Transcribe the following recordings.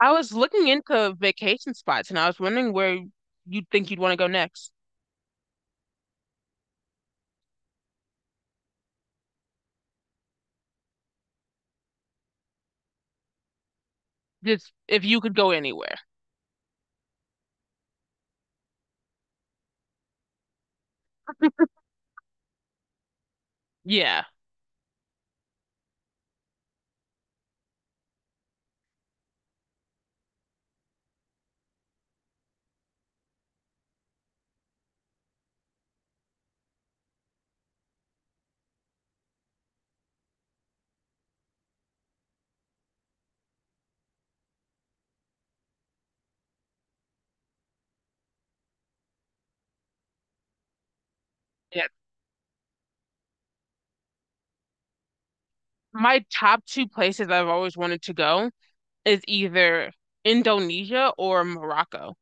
I was looking into vacation spots and I was wondering where you'd think you'd want to go next. Just if you could go anywhere. Yeah. Yeah. My top two places I've always wanted to go is either Indonesia or Morocco.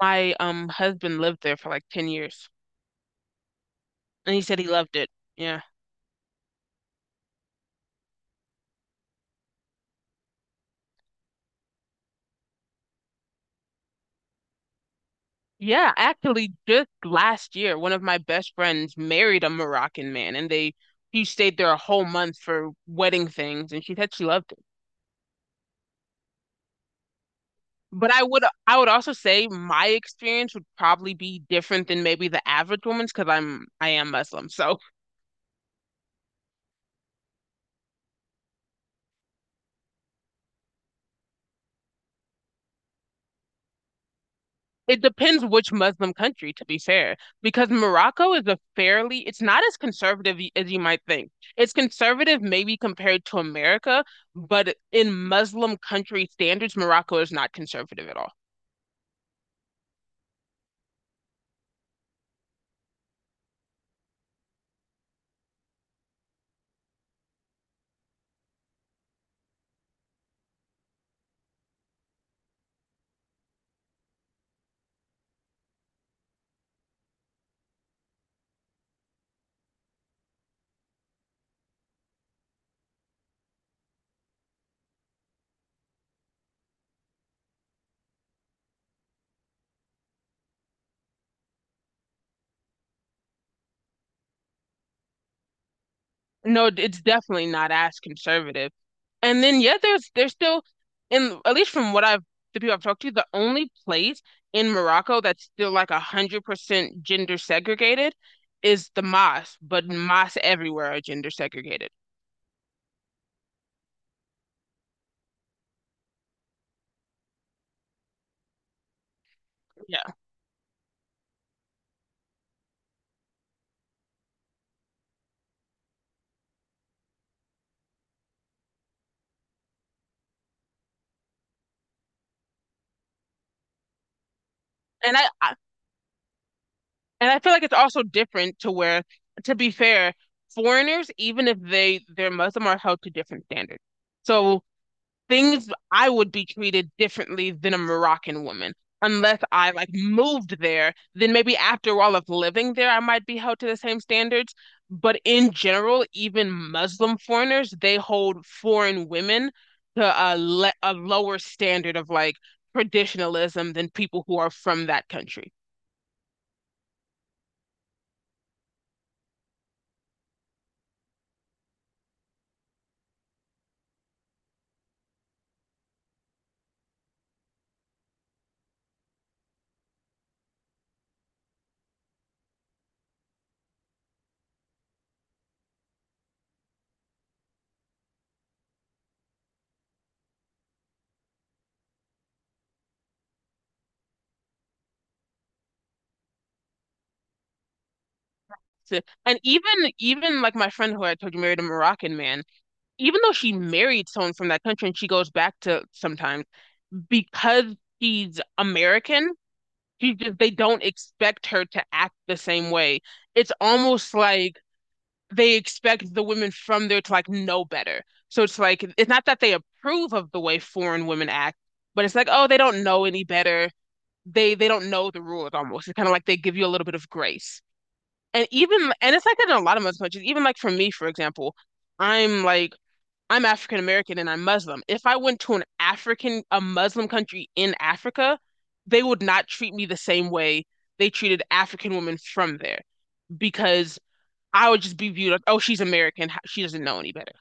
My husband lived there for like 10 years, and he said he loved it. Yeah. Yeah, actually just last year one of my best friends married a Moroccan man, and they he stayed there a whole month for wedding things, and she said she loved it. But I would also say my experience would probably be different than maybe the average woman's because I am Muslim. So it depends which Muslim country, to be fair, because Morocco is a fairly it's not as conservative as you might think. It's conservative maybe compared to America, but in Muslim country standards, Morocco is not conservative at all. No, it's definitely not as conservative. And then yeah, there's still in at least from what I've the people I've talked to, the only place in Morocco that's still like 100% gender segregated is the mosque, but mosques everywhere are gender segregated. Yeah. And I and I feel like it's also different to where, to be fair, foreigners, even if they're Muslim, are held to different standards. So things I would be treated differently than a Moroccan woman unless I like moved there, then maybe after all of living there, I might be held to the same standards. But in general, even Muslim foreigners, they hold foreign women to a lower standard of like traditionalism than people who are from that country. So, and even like my friend who I told you married a Moroccan man, even though she married someone from that country and she goes back to sometimes because she's American, she just they don't expect her to act the same way. It's almost like they expect the women from there to like know better. So it's like it's not that they approve of the way foreign women act, but it's like, oh, they don't know any better. They don't know the rules almost. It's kind of like they give you a little bit of grace. And even and it's like that in a lot of other countries. Even like for me, for example, I'm like I'm African American and I'm Muslim. If I went to a Muslim country in Africa, they would not treat me the same way they treated African women from there because I would just be viewed like, oh, she's American. She doesn't know any better.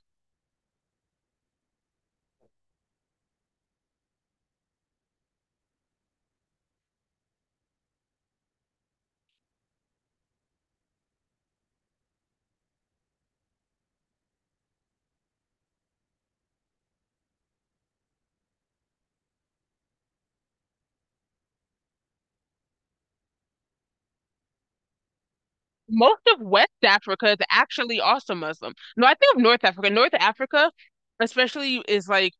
Most of West Africa is actually also Muslim. No, I think of North Africa. North Africa, especially, is like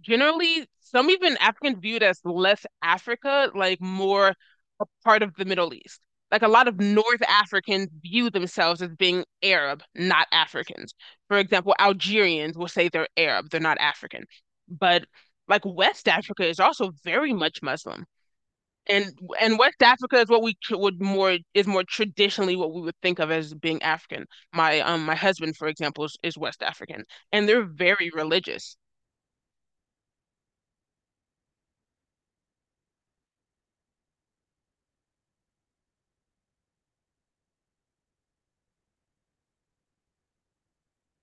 generally some even Africans viewed as less Africa, like more a part of the Middle East. Like a lot of North Africans view themselves as being Arab, not Africans. For example, Algerians will say they're Arab, they're not African. But like West Africa is also very much Muslim, and West Africa is what we would more is more traditionally what we would think of as being African. My my husband, for example, is West African, and they're very religious.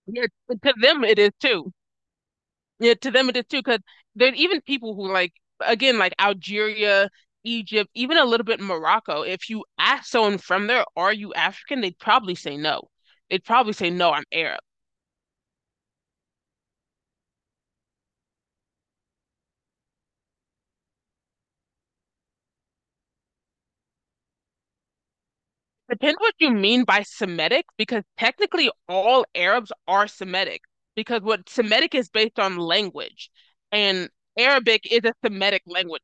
Yeah, to them it is too. Yeah, to them it is too, because there are even people who like again like Algeria, Egypt, even a little bit Morocco. If you ask someone from there, "Are you African?" They'd probably say no. They'd probably say no, I'm Arab. Depends what you mean by Semitic, because technically all Arabs are Semitic, because what Semitic is based on language, and Arabic is a Semitic language.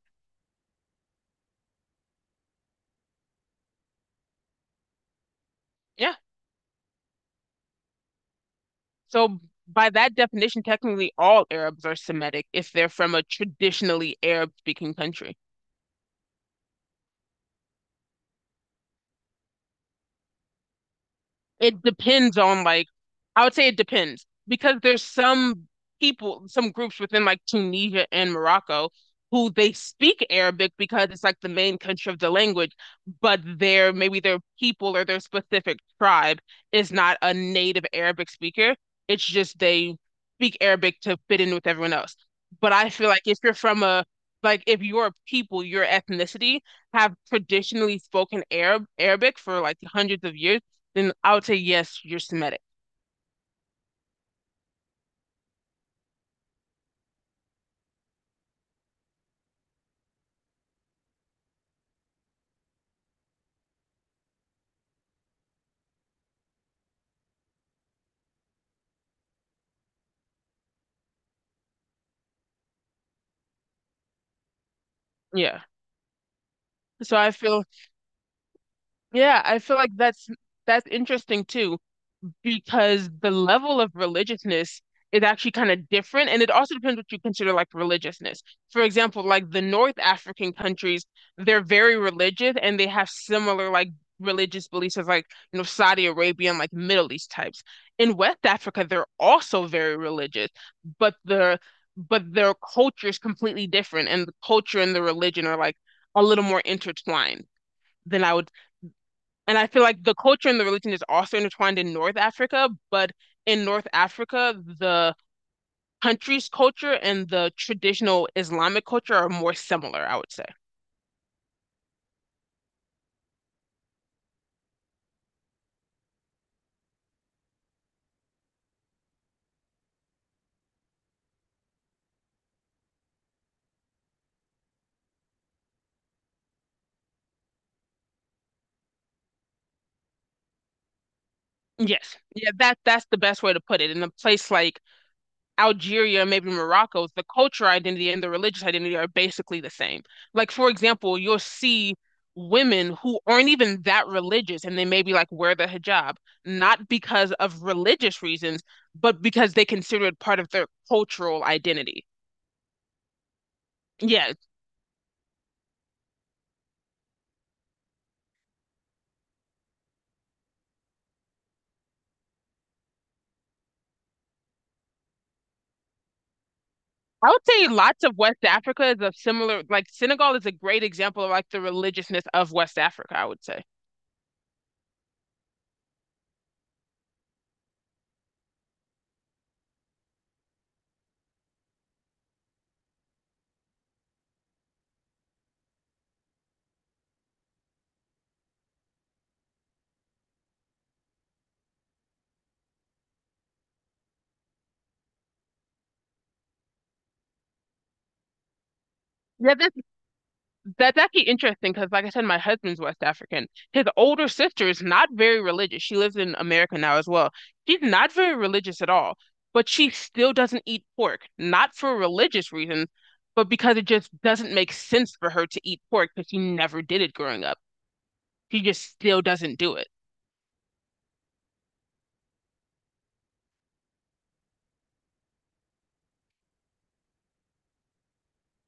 Yeah. So by that definition, technically all Arabs are Semitic if they're from a traditionally Arab-speaking country. It depends on like, I would say it depends because there's some people, some groups within like Tunisia and Morocco who they speak Arabic because it's like the main country of the language, but their maybe their people or their specific tribe is not a native Arabic speaker. It's just they speak Arabic to fit in with everyone else. But I feel like if you're from a if your people, your ethnicity have traditionally spoken Arabic for like hundreds of years, then I would say yes, you're Semitic. Yeah. So I feel yeah, I feel like that's interesting too, because the level of religiousness is actually kind of different. And it also depends what you consider like religiousness. For example, like the North African countries, they're very religious and they have similar like religious beliefs as, like, you know, Saudi Arabia and like Middle East types. In West Africa, they're also very religious, but their culture is completely different and the culture and the religion are like a little more intertwined than I would and I feel like the culture and the religion is also intertwined in North Africa, but in North Africa, the country's culture and the traditional Islamic culture are more similar, I would say. Yes. Yeah, that that's the best way to put it. In a place like Algeria, maybe Morocco, the cultural identity and the religious identity are basically the same. Like, for example, you'll see women who aren't even that religious and they maybe like wear the hijab, not because of religious reasons, but because they consider it part of their cultural identity. Yes, I would say lots of West Africa is a similar, like Senegal is a great example of like the religiousness of West Africa, I would say. Yeah, that's actually interesting because, like I said, my husband's West African. His older sister is not very religious. She lives in America now as well. She's not very religious at all, but she still doesn't eat pork, not for religious reasons, but because it just doesn't make sense for her to eat pork because she never did it growing up. She just still doesn't do it.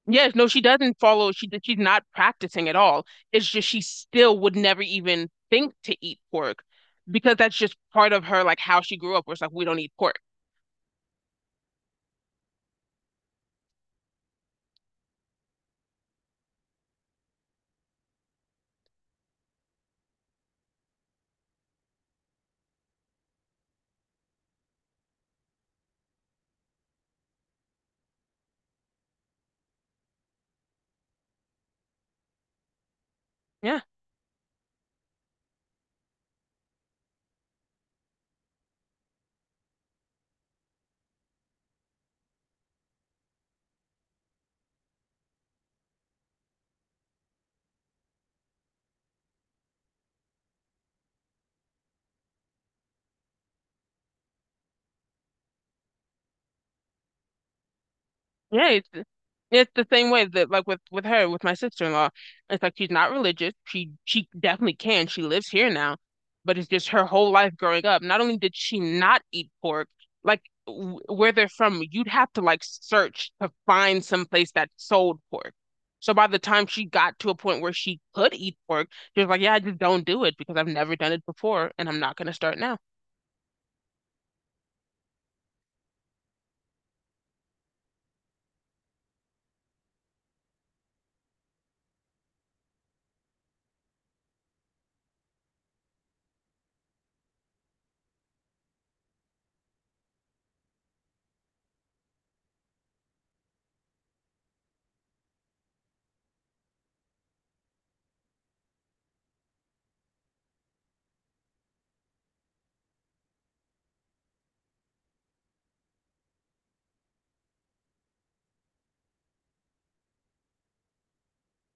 Yes, no, she doesn't follow. She's not practicing at all. It's just she still would never even think to eat pork because that's just part of her, like how she grew up, where it's like we don't eat pork. Yeah. Yeah, it's the same way that like with her, with my sister-in-law. It's like she's not religious. She definitely can. She lives here now, but it's just her whole life growing up. Not only did she not eat pork, like w where they're from, you'd have to like search to find some place that sold pork. So by the time she got to a point where she could eat pork, she was like, "Yeah, I just don't do it because I've never done it before, and I'm not gonna start now."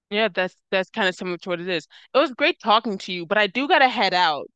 Yeah, that's kind of similar to what it is. It was great talking to you, but I do gotta head out.